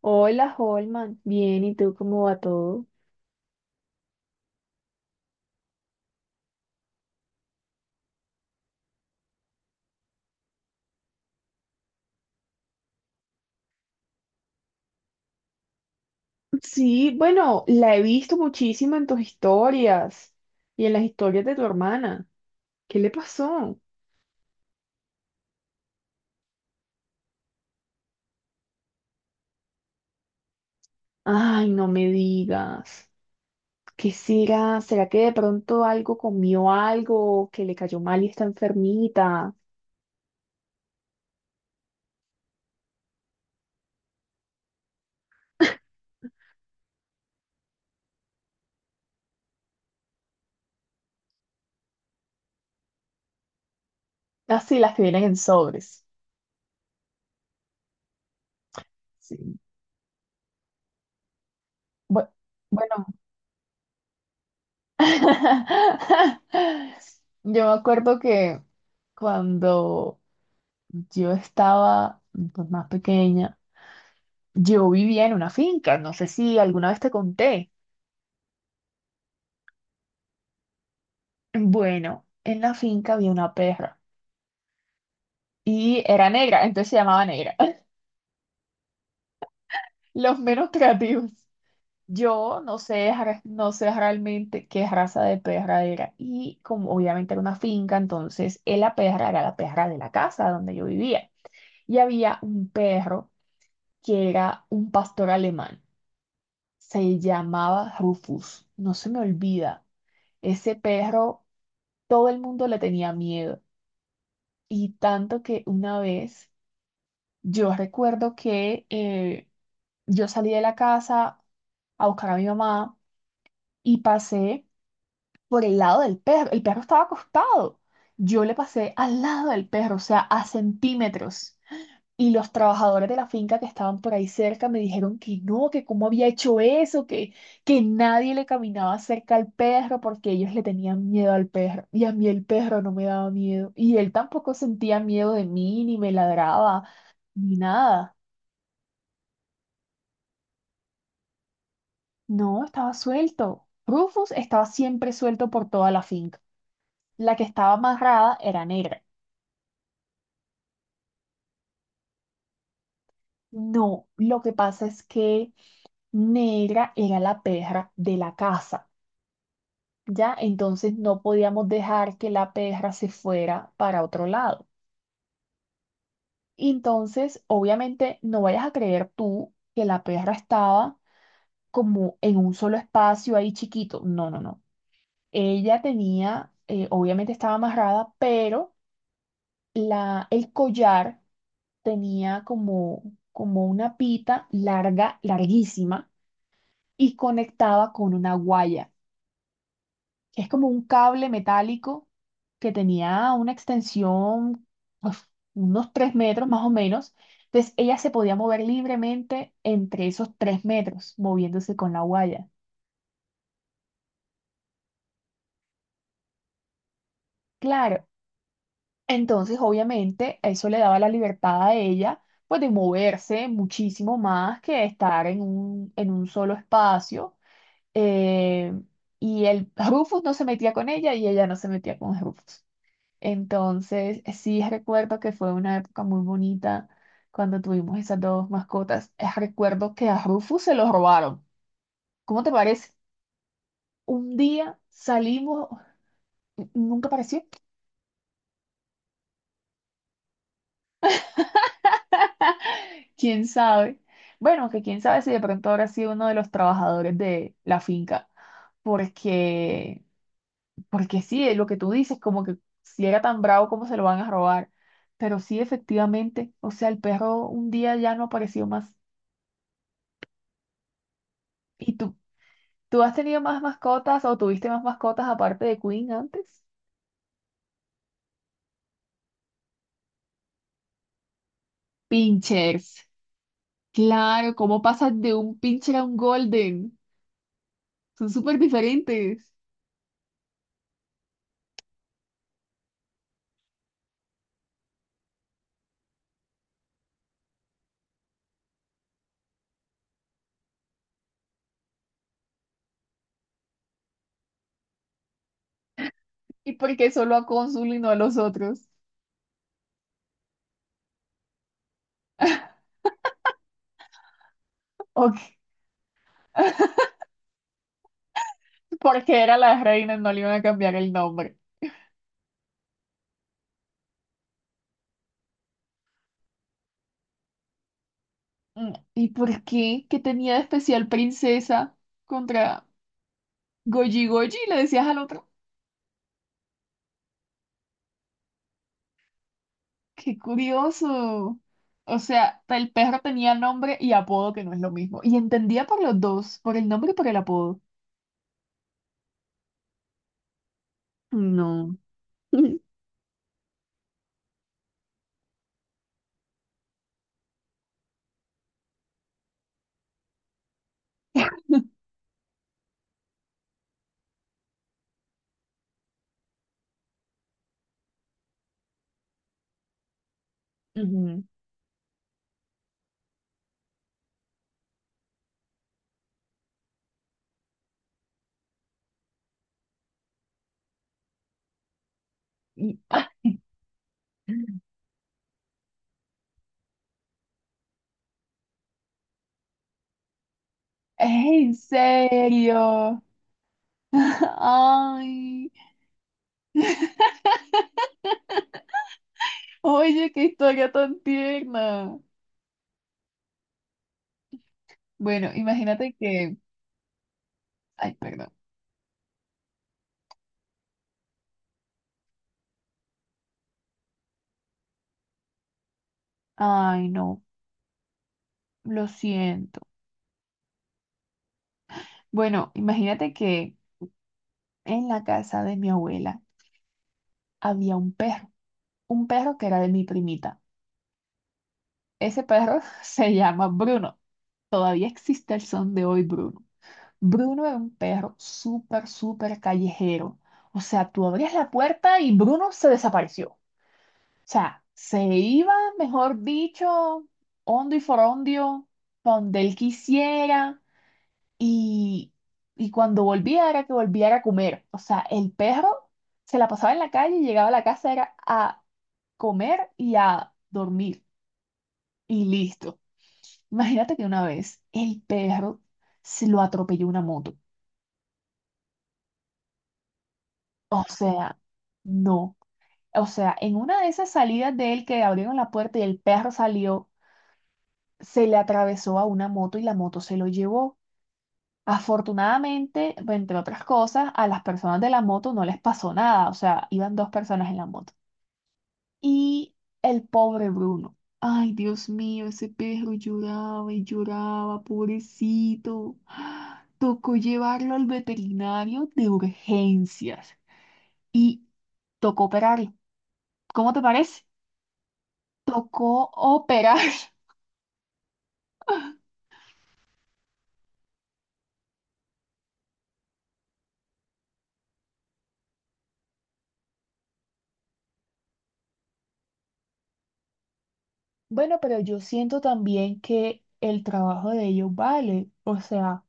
Hola, Holman. Bien, ¿y tú cómo va todo? Sí, bueno, la he visto muchísimo en tus historias y en las historias de tu hermana. ¿Qué le pasó? Ay, no me digas. ¿Qué será? ¿Será que de pronto algo comió algo que le cayó mal y está enfermita? Ah, sí, las que vienen en sobres. Sí. Bu- Bueno, yo me acuerdo que cuando yo estaba, pues, más pequeña, yo vivía en una finca, no sé si alguna vez te conté. Bueno, en la finca había una perra y era negra, entonces se llamaba Negra. Los menos creativos. Yo no sé, no sé realmente qué raza de perra era. Y como obviamente era una finca, entonces la perra era la perra de la casa donde yo vivía. Y había un perro que era un pastor alemán. Se llamaba Rufus. No se me olvida. Ese perro, todo el mundo le tenía miedo. Y tanto que una vez yo recuerdo que yo salí de la casa a buscar a mi mamá y pasé por el lado del perro. El perro estaba acostado. Yo le pasé al lado del perro, o sea, a centímetros. Y los trabajadores de la finca que estaban por ahí cerca me dijeron que no, que cómo había hecho eso, que nadie le caminaba cerca al perro porque ellos le tenían miedo al perro. Y a mí el perro no me daba miedo. Y él tampoco sentía miedo de mí, ni me ladraba, ni nada. No, estaba suelto. Rufus estaba siempre suelto por toda la finca. La que estaba amarrada era Negra. No, lo que pasa es que Negra era la perra de la casa, ya, entonces no podíamos dejar que la perra se fuera para otro lado. Entonces, obviamente, no vayas a creer tú que la perra estaba como en un solo espacio ahí chiquito. No, no, no. Ella tenía, obviamente estaba amarrada, pero el collar tenía como, como una pita larga, larguísima, y conectaba con una guaya, que es como un cable metálico que tenía una extensión, uf, unos 3 metros más o menos. Entonces ella se podía mover libremente entre esos 3 metros, moviéndose con la guaya. Claro, entonces obviamente eso le daba la libertad a ella, pues de moverse muchísimo más que estar en un solo espacio. Eh, y el Rufus no se metía con ella y ella no se metía con Rufus. Entonces, sí recuerdo que fue una época muy bonita cuando tuvimos esas dos mascotas. Recuerdo que a Rufus se lo robaron. ¿Cómo te parece? Un día salimos, nunca apareció. ¿Quién sabe? Bueno, que quién sabe si de pronto habrá sido uno de los trabajadores de la finca. Porque, porque sí, lo que tú dices, como que si era tan bravo, ¿cómo se lo van a robar? Pero sí, efectivamente, o sea, el perro un día ya no apareció más. ¿Y tú? ¿Tú has tenido más mascotas o tuviste más mascotas aparte de Queen antes? Pinchers. Claro, ¿cómo pasas de un pincher a un golden? Son súper diferentes. ¿Y por qué solo a Cónsul y no a los otros? Ok. Porque era la reina, no le iban a cambiar el nombre. Mm, ¿y por qué? ¿Qué tenía de especial princesa contra Goji Goji? ¿Le decías al otro? Qué curioso. O sea, el perro tenía nombre y apodo, que no es lo mismo. Y entendía por los dos, por el nombre y por el apodo. No. Ujú. Y, ¿ah? ¿En serio? Ay. Oye, qué historia tan tierna. Bueno, imagínate que… Ay, perdón. Ay, no, lo siento. Bueno, imagínate que en la casa de mi abuela había un perro, un perro que era de mi primita. Ese perro se llama Bruno. Todavía existe el son de hoy, Bruno. Bruno era un perro súper, súper callejero. O sea, tú abrías la puerta y Bruno se desapareció. O sea, se iba, mejor dicho, hondo y forondio, pa' donde él quisiera. Y, y cuando volviera, era que volviera a comer. O sea, el perro se la pasaba en la calle y llegaba a la casa, era a comer y a dormir. Y listo. Imagínate que una vez el perro se lo atropelló una moto. O sea, no. O sea, en una de esas salidas de él que abrieron la puerta y el perro salió, se le atravesó a una moto y la moto se lo llevó. Afortunadamente, entre otras cosas, a las personas de la moto no les pasó nada. O sea, iban dos personas en la moto. Y el pobre Bruno. Ay, Dios mío, ese perro lloraba y lloraba, pobrecito. Tocó llevarlo al veterinario de urgencias y tocó operarlo. ¿Cómo te parece? Tocó operar. Bueno, pero yo siento también que el trabajo de ellos vale. O sea,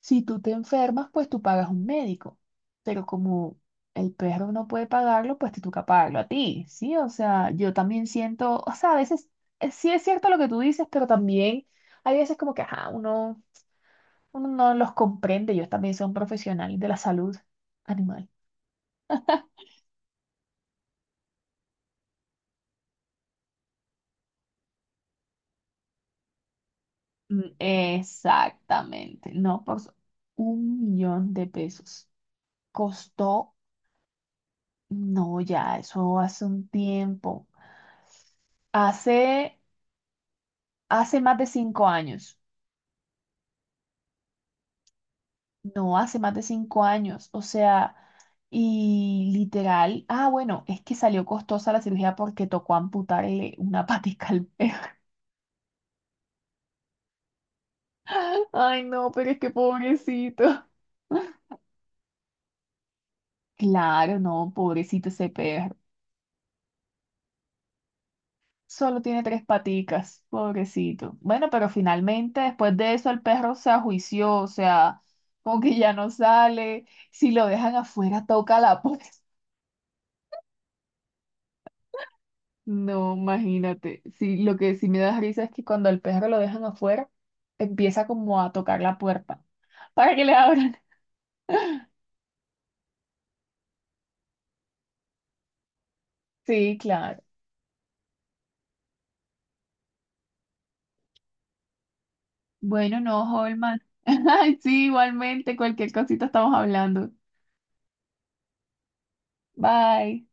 si tú te enfermas, pues tú pagas un médico, pero como el perro no puede pagarlo, pues te toca pagarlo a ti, ¿sí? O sea, yo también siento, o sea, a veces sí es cierto lo que tú dices, pero también hay veces como que, ajá, uno no los comprende, ellos también son profesionales de la salud animal. Mm, exactamente, no, 1 millón de pesos. Costó, no, ya, eso hace un tiempo, hace, hace más de 5 años. No, hace más de cinco años, o sea, y literal, ah, bueno, es que salió costosa la cirugía porque tocó amputarle una patica al perro. Ay, no, pero es que pobrecito. Claro, no, pobrecito ese perro. Solo tiene tres paticas, pobrecito. Bueno, pero finalmente después de eso el perro se ajuició, o sea, como que ya no sale. Si lo dejan afuera, toca la puerta. No, imagínate. Sí, lo que sí me da risa es que cuando el perro lo dejan afuera, empieza como a tocar la puerta para que le abran. Sí, claro. Bueno, no, Holman. Sí, igualmente, cualquier cosita estamos hablando. Bye.